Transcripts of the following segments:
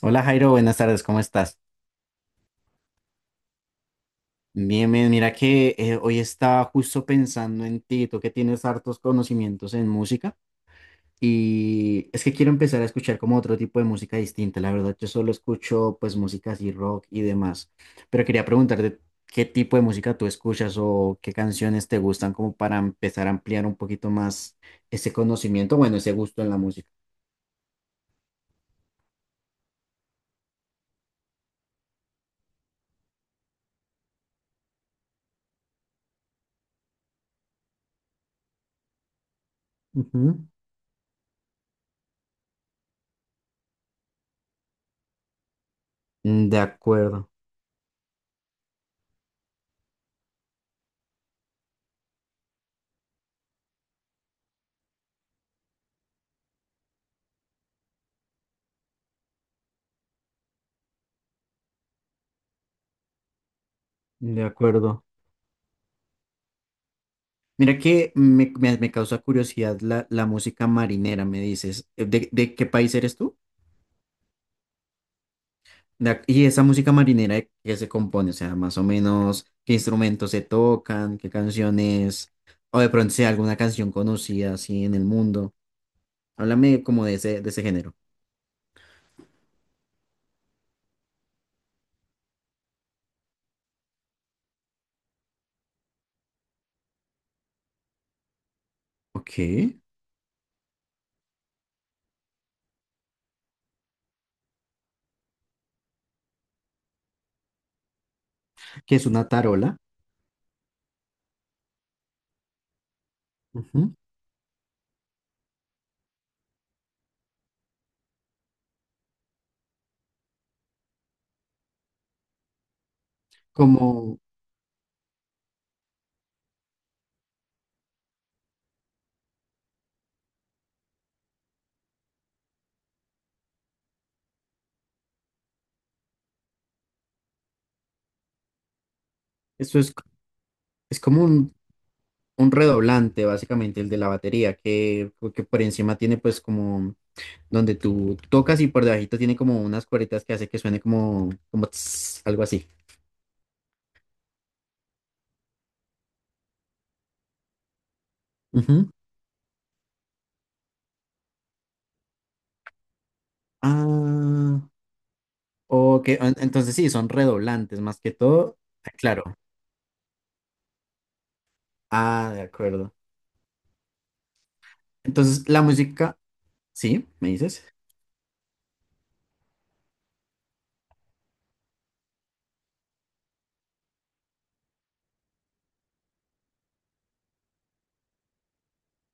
Hola, Jairo, buenas tardes, ¿cómo estás? Bien, bien, mira que hoy estaba justo pensando en ti, tú que tienes hartos conocimientos en música y es que quiero empezar a escuchar como otro tipo de música distinta, la verdad yo solo escucho pues música así rock y demás, pero quería preguntarte qué tipo de música tú escuchas o qué canciones te gustan como para empezar a ampliar un poquito más ese conocimiento, bueno, ese gusto en la música. Ujú. Mm, de acuerdo, de acuerdo. Mira que me causa curiosidad la música marinera, me dices. ¿De, ¿de qué país eres tú? De ac- y esa música marinera, ¿de qué se compone? O sea, más o menos, ¿qué instrumentos se tocan? ¿Qué canciones? O de pronto sea alguna canción conocida así en el mundo. Háblame como de ese género. Ok. Que es una tarola. Ujú. Como, eso es como un redoblante, básicamente, el de la batería, que por encima tiene pues como donde tú tocas y por debajito tiene como unas cueritas que hace que suene como, como tss, algo así. Ujú. Ah, ok. en- Entonces sí, son redoblantes más que todo. Ah, claro. Ah, de acuerdo. Entonces la música, sí, me dices.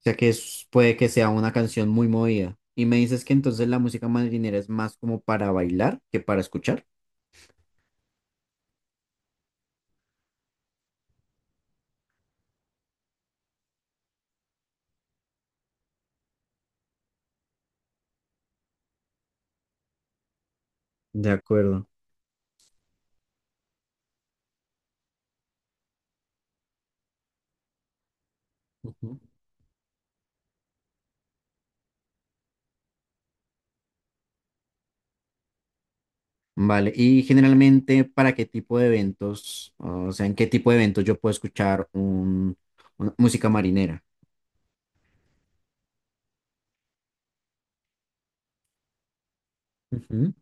O sea que es- puede que sea una canción muy movida. Y me dices que entonces la música marinera es más como para bailar que para escuchar. De acuerdo. Vale, y generalmente, ¿para qué tipo de eventos, o sea, en qué tipo de eventos yo puedo escuchar un, una música marinera? Ujú.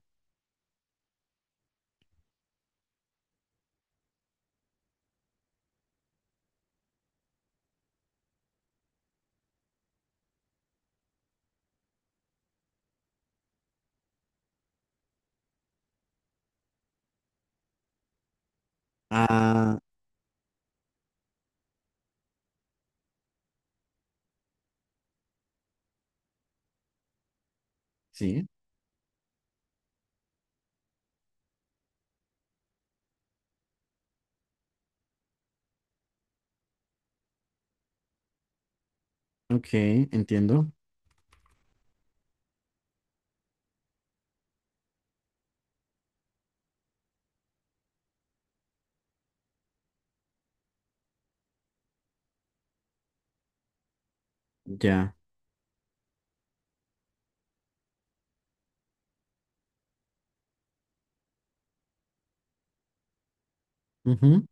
Ah, sí, ok, entiendo, ya, ujú,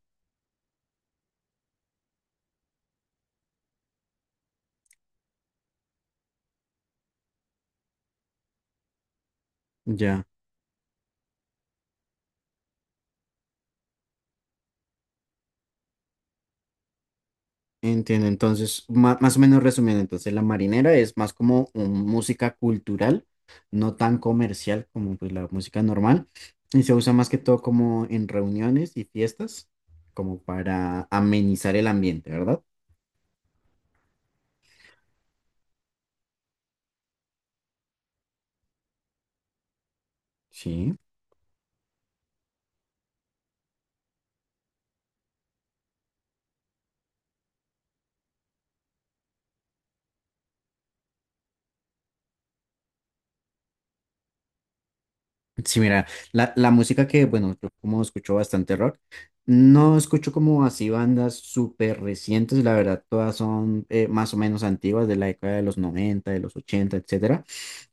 ya, entiendo. Entonces, ma- más o menos resumiendo, entonces la marinera es más como un- música cultural, no tan comercial como pues, la música normal, y se usa más que todo como en reuniones y fiestas, como para amenizar el ambiente, ¿verdad? Sí. Sí, mira, la música que, bueno, yo como escucho bastante rock, no escucho como así bandas súper recientes, la verdad, todas son más o menos antiguas de la década de los 90, de los 80, etcétera.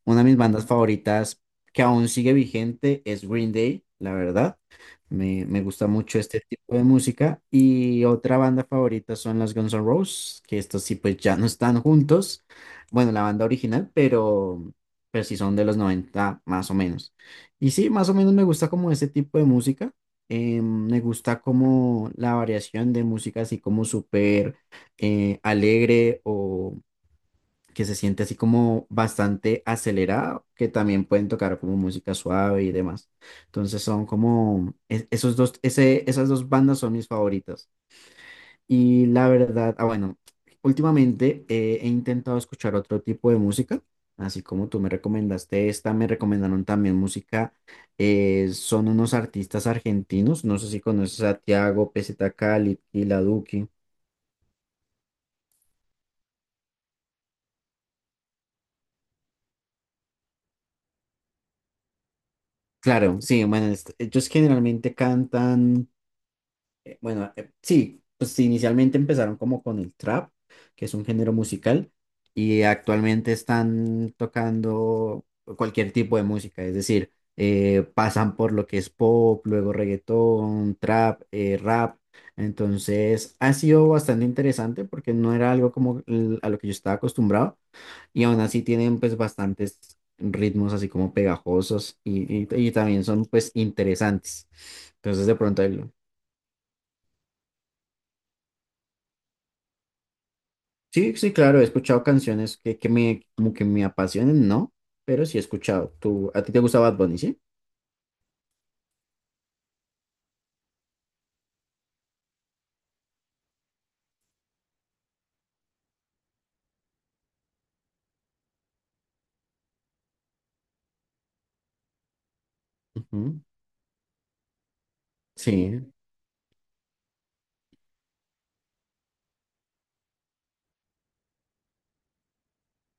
Una de mis bandas favoritas que aún sigue vigente es Green Day, la verdad. Me gusta mucho este tipo de música. Y otra banda favorita son las Guns N' Roses, que estos sí pues ya no están juntos. Bueno, la banda original, pero sí son de los 90 más o menos. Y sí, más o menos me gusta como ese tipo de música. Me gusta como la variación de música así como súper alegre o que se siente así como bastante acelerada, que también pueden tocar como música suave y demás. Entonces son como es- esos dos, ese, esas dos bandas son mis favoritas. Y la verdad, ah, bueno, últimamente he intentado escuchar otro tipo de música, así como tú me recomendaste esta, me recomendaron también música, son unos artistas argentinos, no sé si conoces a Tiago, Peseta Cali, y La Duki. Claro, sí, bueno, es- ellos generalmente cantan bueno, sí, pues inicialmente empezaron como con el trap, que es un género musical, y actualmente están tocando cualquier tipo de música, es decir, pasan por lo que es pop, luego reggaetón, trap, rap. Entonces ha sido bastante interesante porque no era algo como l- a lo que yo estaba acostumbrado y aún así tienen pues bastantes ritmos así como pegajosos y también son pues interesantes. Entonces de pronto ahí lo- Sí, sí, claro, he escuchado canciones que me, como que me apasionen, ¿no? Pero sí he escuchado. ¿Tú, a ti te gusta Bad Bunny, sí? Ujú, sí.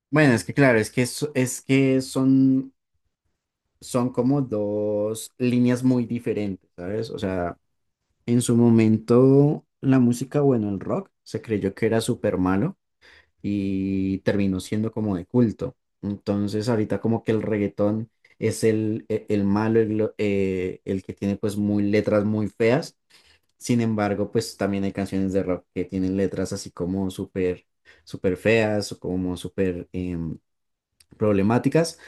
Bueno, es que claro, es que son, son como dos líneas muy diferentes, ¿sabes? O sea, en su momento la música, bueno, el rock se creyó que era súper malo y terminó siendo como de culto. Entonces ahorita como que el reggaetón es el malo, el, lo- el que tiene pues muy letras muy feas. Sin embargo, pues también hay canciones de rock que tienen letras así como súper, súper feas o como súper problemáticas.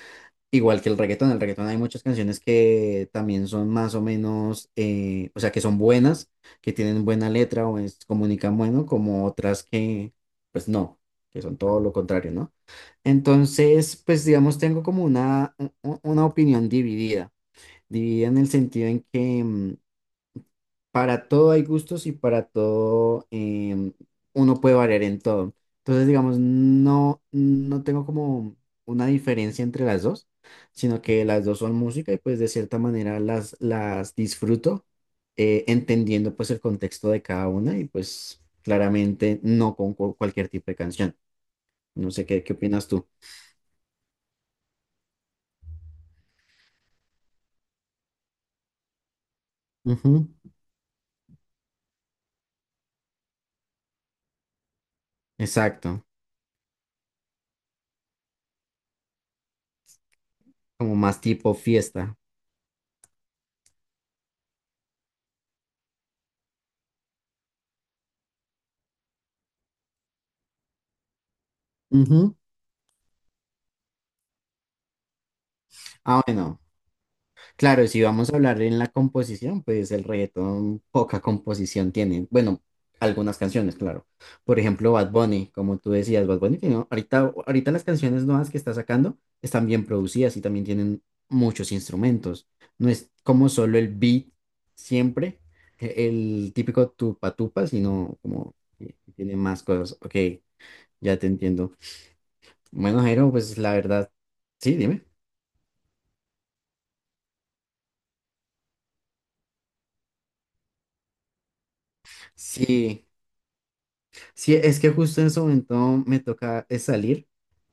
Igual que el reggaetón hay muchas canciones que también son más o menos, o sea, que son buenas, que tienen buena letra o es- comunican bueno, como otras que, pues no, que son todo lo contrario, ¿no? Entonces, pues digamos, tengo como una opinión dividida, dividida en el sentido en que para todo hay gustos y para todo uno puede variar en todo. Entonces, digamos, no, no tengo como una diferencia entre las dos, sino que las dos son música y pues de cierta manera las disfruto entendiendo pues el contexto de cada una y pues claramente no con cu- cualquier tipo de canción. No sé qué, qué opinas tú. Ujú, exacto, como más tipo fiesta. Ujú. Ah, bueno. Claro, si vamos a hablar en la composición, pues el reggaetón poca composición tiene. Bueno, algunas canciones, claro. Por ejemplo, Bad Bunny, como tú decías, Bad Bunny tiene, ahorita, ahorita las canciones nuevas que está sacando están bien producidas y también tienen muchos instrumentos. No es como solo el beat siempre, e- el típico tupa tupa, sino como que tiene más cosas. Ok, ya te entiendo. Bueno, Jairo, pues la verdad, sí, dime. Sí. Sí, es que justo en este momento me toca salir,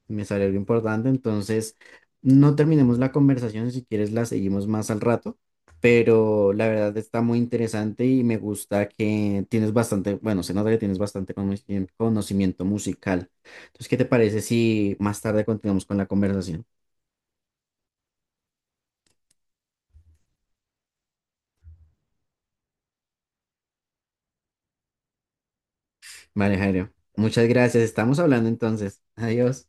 me sale algo importante, entonces no terminemos la conversación, si quieres la seguimos más al rato, pero la verdad está muy interesante y me gusta que tienes bastante, bueno, se nota que tienes bastante conoci- conocimiento musical. Entonces, ¿qué te parece si más tarde continuamos con la conversación? Vale, Jairo, muchas gracias, estamos hablando entonces, adiós.